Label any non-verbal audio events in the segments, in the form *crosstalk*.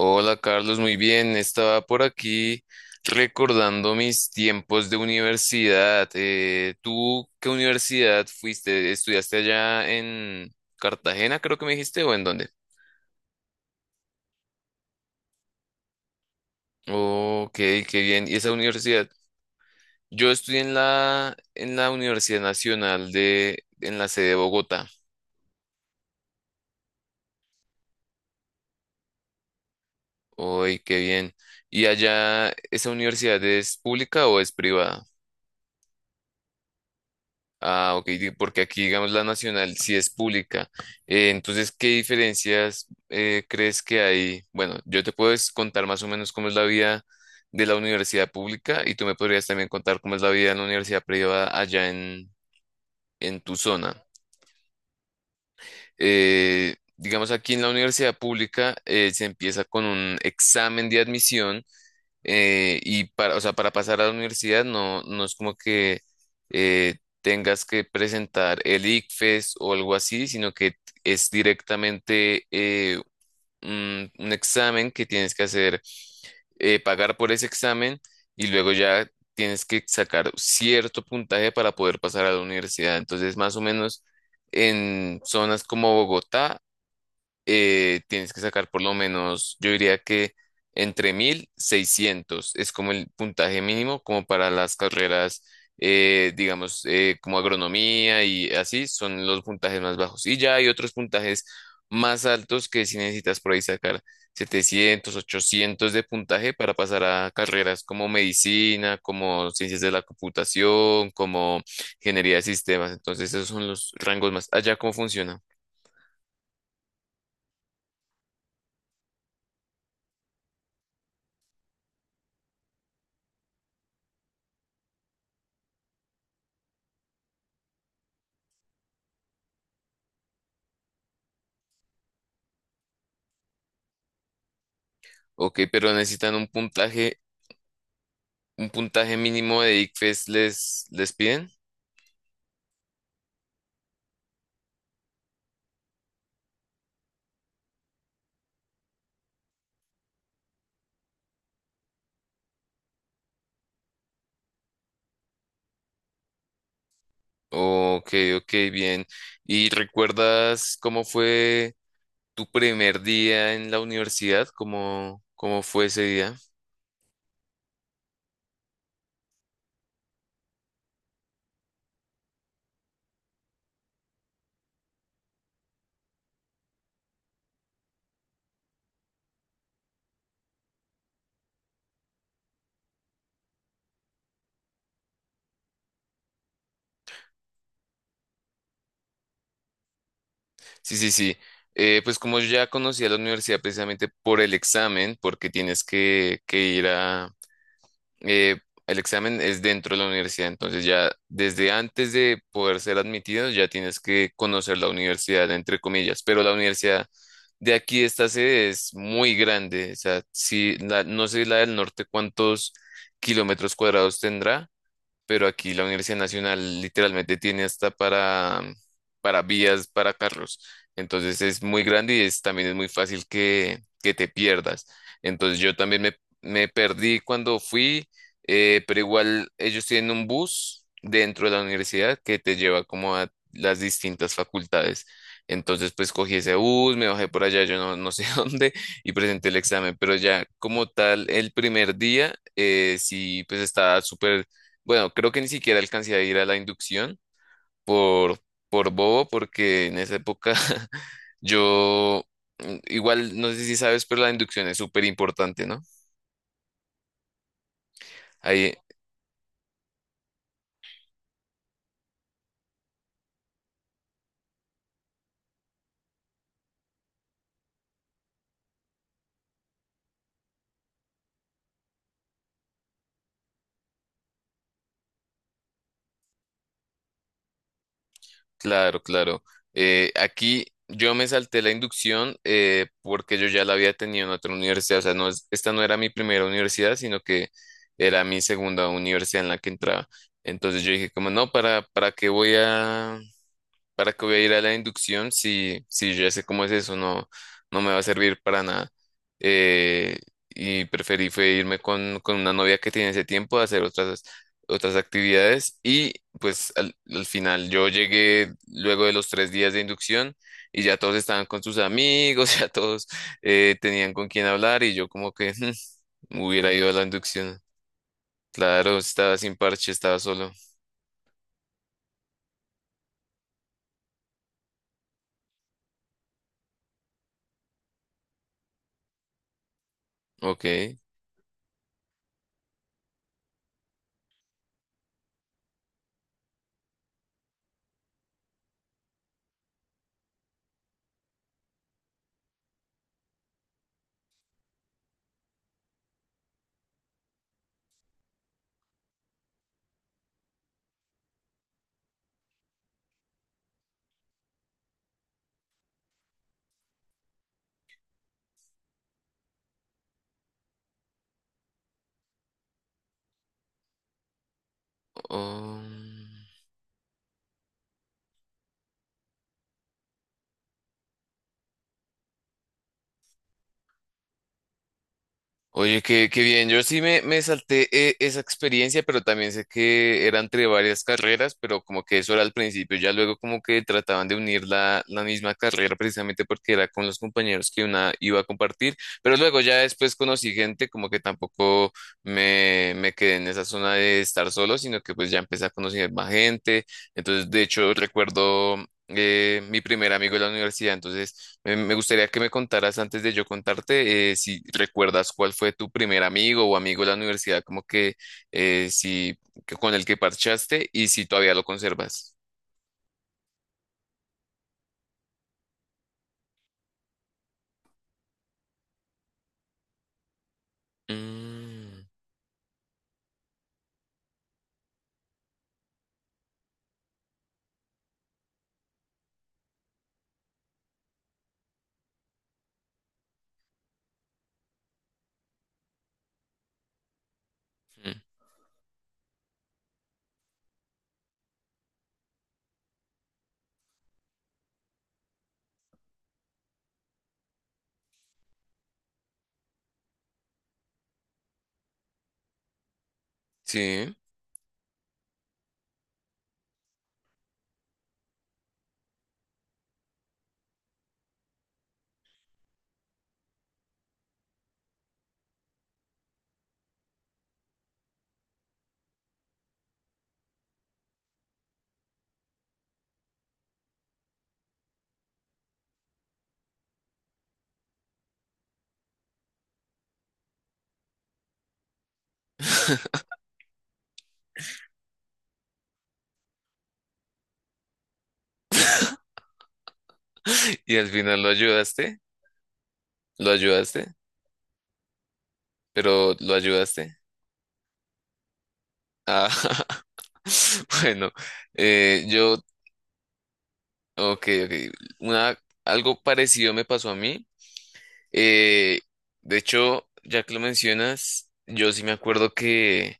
Hola Carlos, muy bien. Estaba por aquí recordando mis tiempos de universidad. ¿Tú qué universidad fuiste? ¿Estudiaste allá en Cartagena, creo que me dijiste, o en dónde? Ok, qué bien. ¿Y esa universidad? Yo estudié en la Universidad Nacional de, en la sede de Bogotá. Uy, qué bien. ¿Y allá esa universidad es pública o es privada? Ah, ok, porque aquí, digamos, la nacional sí es pública. Entonces, ¿qué diferencias crees que hay? Bueno, yo te puedo contar más o menos cómo es la vida de la universidad pública y tú me podrías también contar cómo es la vida en la universidad privada allá en tu zona. Digamos, aquí en la universidad pública se empieza con un examen de admisión, y para, o sea, para pasar a la universidad no es como que eh, tengas que presentar el ICFES o algo así, sino que es directamente, un examen que tienes que hacer, pagar por ese examen y luego ya tienes que sacar cierto puntaje para poder pasar a la universidad. Entonces, más o menos en zonas como Bogotá, tienes que sacar por lo menos, yo diría que entre 1600 es como el puntaje mínimo, como para las carreras, digamos, como agronomía y así, son los puntajes más bajos. Y ya hay otros puntajes más altos que si necesitas por ahí sacar 700 800 de puntaje para pasar a carreras como medicina, como ciencias de la computación, como ingeniería de sistemas. Entonces, esos son los rangos más. Allá, ¿cómo funciona? Ok, pero necesitan un puntaje, mínimo de ICFES les piden. Ok, ok, bien. ¿Y recuerdas cómo fue tu primer día en la universidad? ¿Cómo fue ese día? Sí, sí, sí. Pues como yo ya conocía la universidad precisamente por el examen, porque tienes que ir a eh, el examen es dentro de la universidad, entonces ya desde antes de poder ser admitido ya tienes que conocer la universidad, entre comillas, pero la universidad de aquí, esta sede es muy grande, o sea, no sé la del norte cuántos kilómetros cuadrados tendrá, pero aquí la Universidad Nacional literalmente tiene hasta para, vías para carros. Entonces es muy grande también es muy fácil que te pierdas. Entonces yo también me perdí cuando fui, pero igual ellos tienen un bus dentro de la universidad que te lleva como a las distintas facultades. Entonces pues cogí ese bus, me bajé por allá, yo no sé *laughs* dónde, y presenté el examen, pero ya como tal el primer día, sí pues estaba súper bueno, creo que ni siquiera alcancé a ir a la inducción por, por, bobo, porque en esa época *laughs* yo, igual, no sé si sabes, pero la inducción es súper importante, ¿no? Ahí, claro, claro. Aquí yo me salté la inducción, porque yo ya la había tenido en otra universidad, o sea, no, esta no era mi primera universidad, sino que era mi segunda universidad en la que entraba. Entonces yo dije, como no, ¿para, qué voy a... ¿Para que voy a ir a la inducción si yo ya sé cómo es eso? No, no me va a servir para nada. Eh, y preferí fue irme con, una novia que tiene ese tiempo a hacer otras, actividades. Y pues al final yo llegué luego de los 3 días de inducción y ya todos estaban con sus amigos, *laughs* ya todos, tenían con quién hablar y yo como que *laughs* hubiera ido a la inducción. Claro, estaba sin parche, estaba solo. Ok. Um, Oye, qué bien. Yo sí me salté, esa experiencia, pero también sé que era entre varias carreras, pero como que eso era al principio. Ya luego como que trataban de unir la misma carrera precisamente porque era con los compañeros que una iba a compartir. Pero luego ya después conocí gente como que tampoco me quedé en esa zona de estar solo, sino que pues ya empecé a conocer más gente. Entonces, de hecho, recuerdo, mi primer amigo de la universidad. Entonces, me gustaría que me contaras antes de yo contarte, si recuerdas cuál fue tu primer amigo o amigo de la universidad, como que si que con el que parchaste y si todavía lo conservas. Mm, mm, sí. *laughs* Y al final lo ayudaste, pero lo ayudaste. Ah, *laughs* bueno, eh, yo, ok, ok. Una, Algo parecido me pasó a mí. Eh, de hecho, ya que lo mencionas, yo sí me acuerdo que,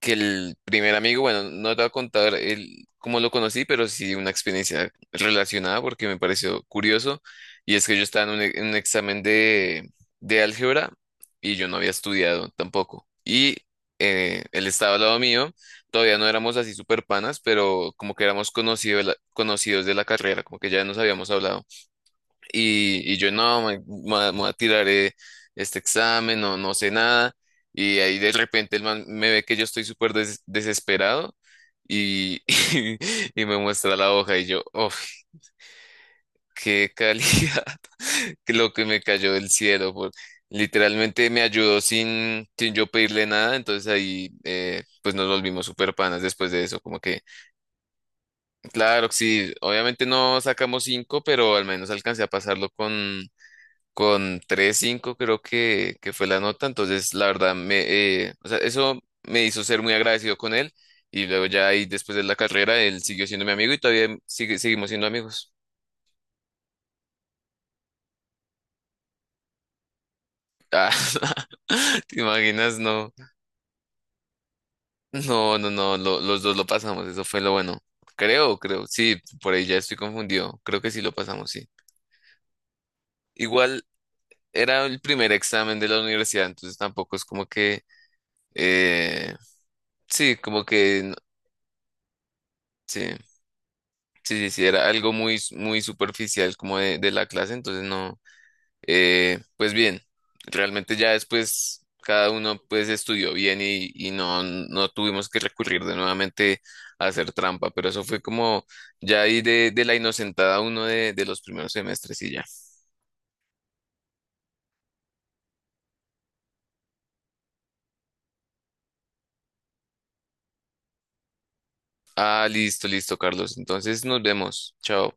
que el primer amigo, bueno, no te voy a contar cómo lo conocí, pero sí una experiencia relacionada porque me pareció curioso. Y es que yo estaba en un examen de álgebra y yo no había estudiado tampoco. Y él estaba al lado mío, todavía no éramos así super panas, pero como que éramos conocido conocidos de la carrera, como que ya nos habíamos hablado. Y yo no, me, me voy a tirar este examen, no sé nada. Y ahí de repente el man me ve que yo estoy súper desesperado y, *laughs* y, me muestra la hoja y yo, oh, qué calidad, *laughs* que lo que me cayó del cielo. Literalmente me ayudó sin, yo pedirle nada, entonces ahí, pues nos volvimos súper panas después de eso, como que, claro, sí, obviamente no sacamos cinco, pero al menos alcancé a pasarlo con 3,5 creo que fue la nota, entonces la verdad, o sea, eso me hizo ser muy agradecido con él y luego ya ahí después de la carrera él siguió siendo mi amigo y todavía seguimos siendo amigos. Ah, *laughs* ¿te imaginas? No, no, no, no, los dos lo pasamos, eso fue lo bueno. Creo, creo, sí, por ahí ya estoy confundido, creo que sí lo pasamos, sí. Igual era el primer examen de la universidad, entonces tampoco es como que, eh, sí, como que, sí. Sí, sí, sí, era algo muy, muy superficial como de, la clase, entonces no, pues bien, realmente ya después cada uno pues estudió bien y no tuvimos que recurrir de nuevamente a hacer trampa, pero eso fue como ya ahí de, la inocentada uno de los primeros semestres y ya. Ah, listo, listo, Carlos, entonces nos vemos, chao.